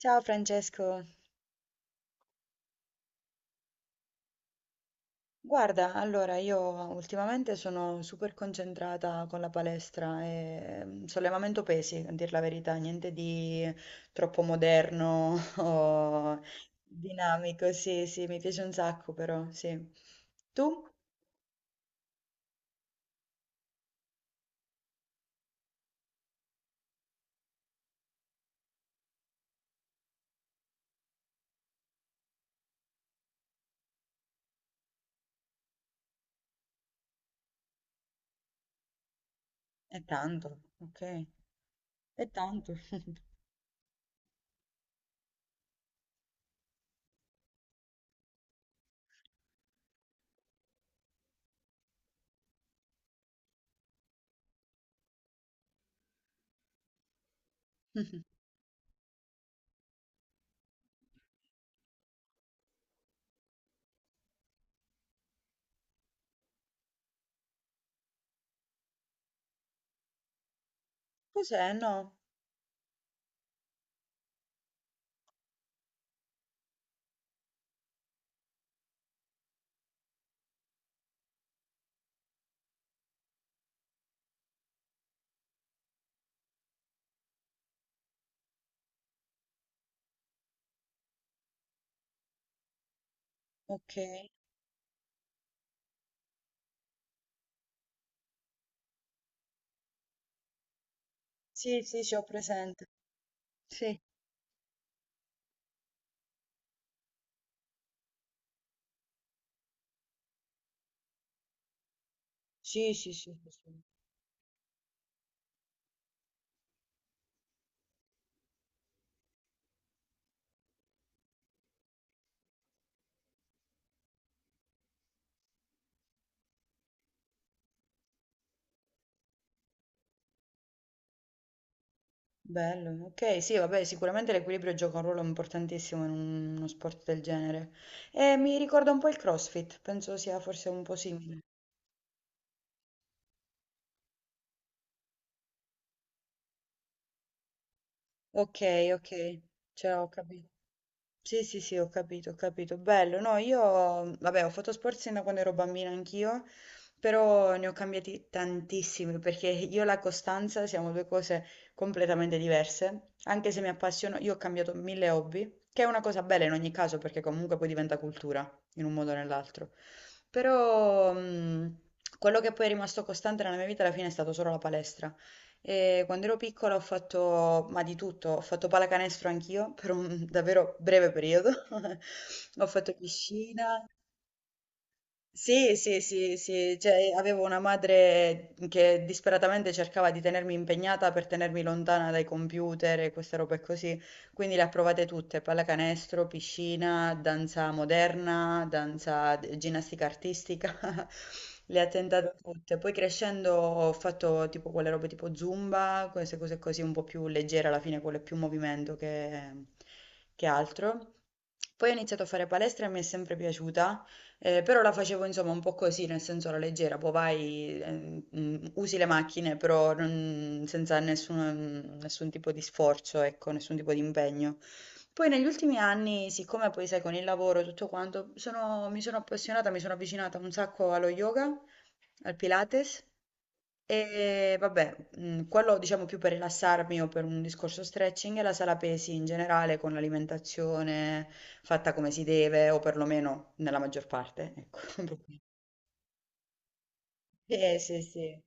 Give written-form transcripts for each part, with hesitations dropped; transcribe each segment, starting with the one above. Ciao Francesco, guarda, allora io ultimamente sono super concentrata con la palestra e sollevamento pesi, a dir la verità, niente di troppo moderno o dinamico, sì, sì, mi piace un sacco però, sì. Tu? È tanto, ok, è tanto. Cos'è? No? Ok, sì, sì, sì, ho presente, sì, sì, sì, sì, sì. Sì. Bello, ok, sì, vabbè, sicuramente l'equilibrio gioca un ruolo importantissimo in uno sport del genere. E mi ricorda un po' il CrossFit, penso sia forse un po' simile. Ok, ok, ce l'ho capito. Sì, sì, sì, ho capito, ho capito. Bello, no, io, vabbè, ho fatto sport sin da quando ero bambina anch'io, però ne ho cambiati tantissimi perché io e la costanza siamo due cose completamente diverse. Anche se mi appassiono, io ho cambiato mille hobby, che è una cosa bella in ogni caso perché comunque poi diventa cultura in un modo o nell'altro. Però, quello che poi è rimasto costante nella mia vita alla fine è stato solo la palestra. E quando ero piccola ho fatto, ma di tutto, ho fatto pallacanestro anch'io per un davvero breve periodo, ho fatto piscina, sì, sì, sì, sì, cioè avevo una madre che disperatamente cercava di tenermi impegnata per tenermi lontana dai computer e queste robe così, quindi le ha provate tutte, pallacanestro, piscina, danza moderna, danza, ginnastica artistica, le ha tentate tutte. Poi crescendo ho fatto tipo quelle robe tipo Zumba, queste cose così un po' più leggere alla fine, quello è più movimento che altro. Poi ho iniziato a fare palestra e mi è sempre piaciuta. Però la facevo insomma un po' così, nel senso alla leggera, poi vai, usi le macchine, però senza nessun tipo di sforzo, ecco, nessun tipo di impegno. Poi negli ultimi anni, siccome poi sai, con il lavoro e tutto quanto, mi sono appassionata, mi sono avvicinata un sacco allo yoga al Pilates. E vabbè, quello diciamo più per rilassarmi o per un discorso stretching e la sala pesi in generale con l'alimentazione fatta come si deve o perlomeno nella maggior parte, ecco. Eh sì, sì.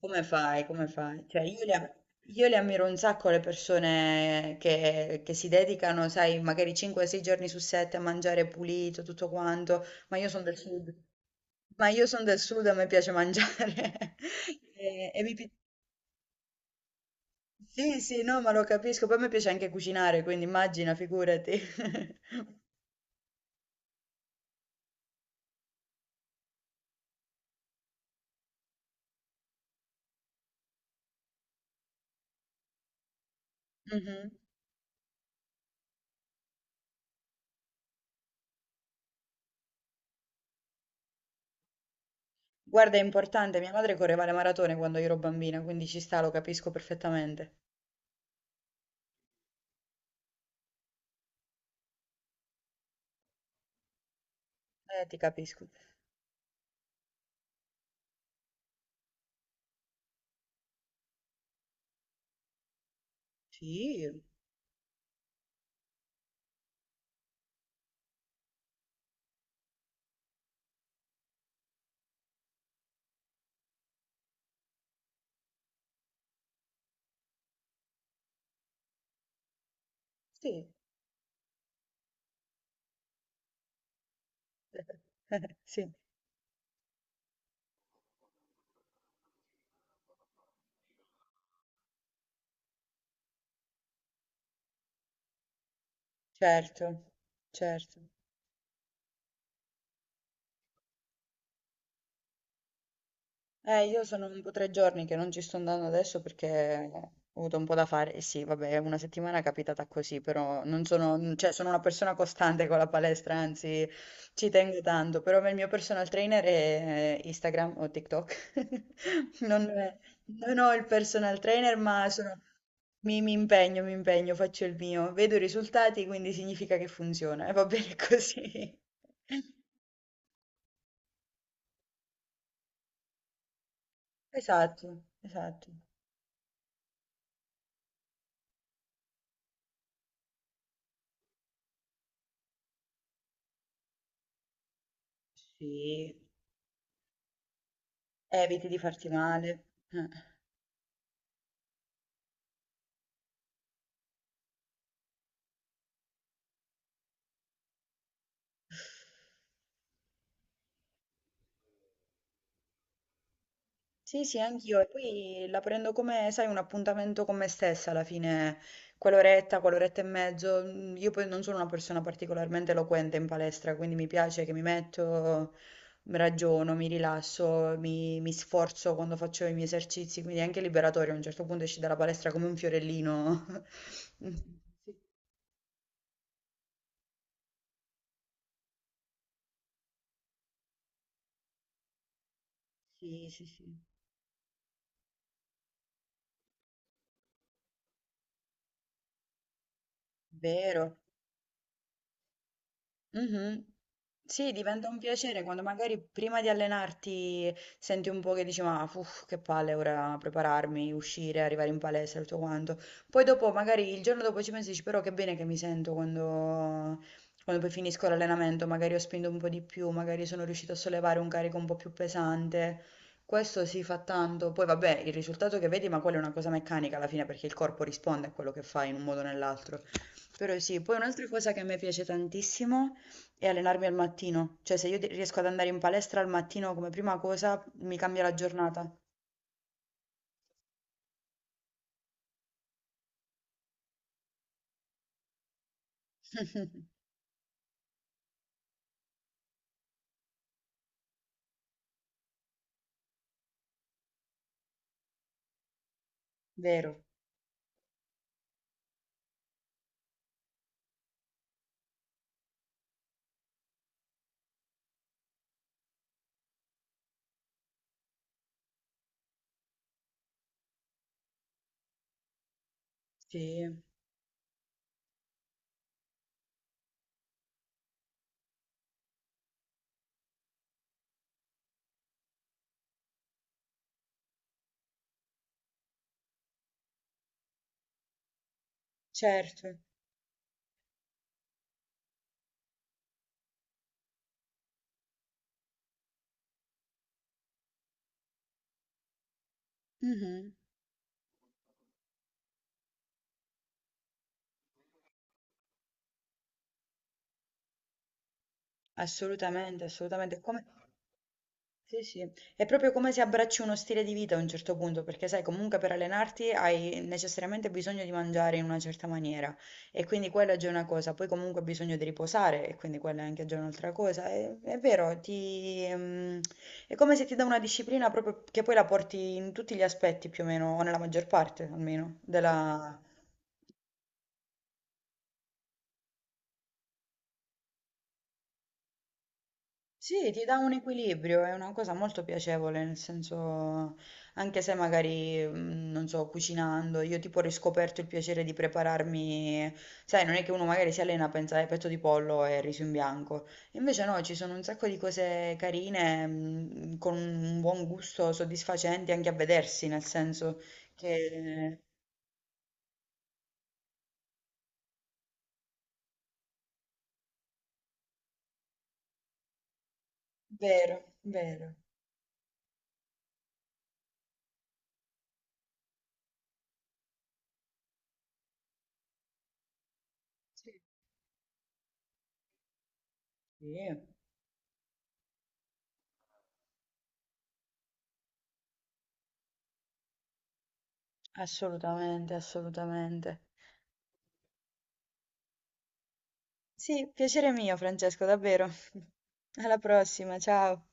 Come fai? Come fai? Cioè, io le ammiro un sacco le persone che si dedicano, sai, magari 5-6 giorni su 7 a mangiare pulito, tutto quanto, ma io sono del sud. Ma io sono del sud, a me piace mangiare. E, e mi pi- Sì, sì, no, ma lo capisco. Poi a me piace anche cucinare, quindi immagina, figurati. Mhm. Guarda, è importante, mia madre correva le maratone quando io ero bambina, quindi ci sta, lo capisco perfettamente. Ti capisco. Sì, sì. Sì, certo, certo. Io sono tipo tre giorni che non ci sto andando adesso perché ho avuto un po' da fare. E sì, vabbè, una settimana è capitata così, però non sono, cioè, sono una persona costante con la palestra, anzi, ci tengo tanto. Però il mio personal trainer è Instagram o TikTok. Non, non ho il personal trainer, ma mi, mi impegno, faccio il mio. Vedo i risultati, quindi significa che funziona. E va bene così. Esatto, esatto. Sì. Eviti di farti male. Eh. Sì, sì, anch'io. E poi la prendo come, sai, un appuntamento con me stessa alla fine, quell'oretta, quell'oretta e mezzo. Mm, io poi non sono una persona particolarmente eloquente in palestra, quindi mi piace che mi metto, mi ragiono, mi rilasso, mi sforzo quando faccio i miei esercizi, quindi è anche liberatorio. A un certo punto esci dalla palestra come un fiorellino. Sì, sì, sì, vero. Mhm. Sì, diventa un piacere quando magari prima di allenarti senti un po' che dici, ma uff, che palle ora prepararmi, uscire, arrivare in palestra, tutto quanto. Poi dopo, magari il giorno dopo ci pensi, e dici, però che bene che mi sento quando, quando poi finisco l'allenamento, magari ho spinto un po' di più, magari sono riuscito a sollevare un carico un po' più pesante. Questo si fa tanto. Poi vabbè, il risultato che vedi, ma quella è una cosa meccanica alla fine perché il corpo risponde a quello che fai in un modo o nell'altro. Però sì, poi un'altra cosa che a me piace tantissimo e allenarmi al mattino, cioè se riesco ad andare in palestra al mattino come prima cosa, mi cambia la giornata. Vero, sì, certo. Mhm. Assolutamente, assolutamente. Come, sì, sì. È proprio come se abbracci uno stile di vita a un certo punto, perché sai, comunque per allenarti hai necessariamente bisogno di mangiare in una certa maniera e quindi quella è già una cosa, poi comunque hai bisogno di riposare e quindi quella è anche già un'altra cosa. È vero, è come se ti dà una disciplina proprio che poi la porti in tutti gli aspetti più o meno, o nella maggior parte almeno, della. Sì, ti dà un equilibrio, è una cosa molto piacevole, nel senso, anche se magari, mm, non so, cucinando, io tipo ho riscoperto il piacere di prepararmi, sai, non è che uno magari si allena a pensare petto di pollo e riso in bianco, invece no, ci sono un sacco di cose carine, mm, con un buon gusto, soddisfacenti anche a vedersi, nel senso che... Vero, vero. Sì, sì, assolutamente, assolutamente. Sì, piacere mio, Francesco, davvero. Alla prossima, ciao.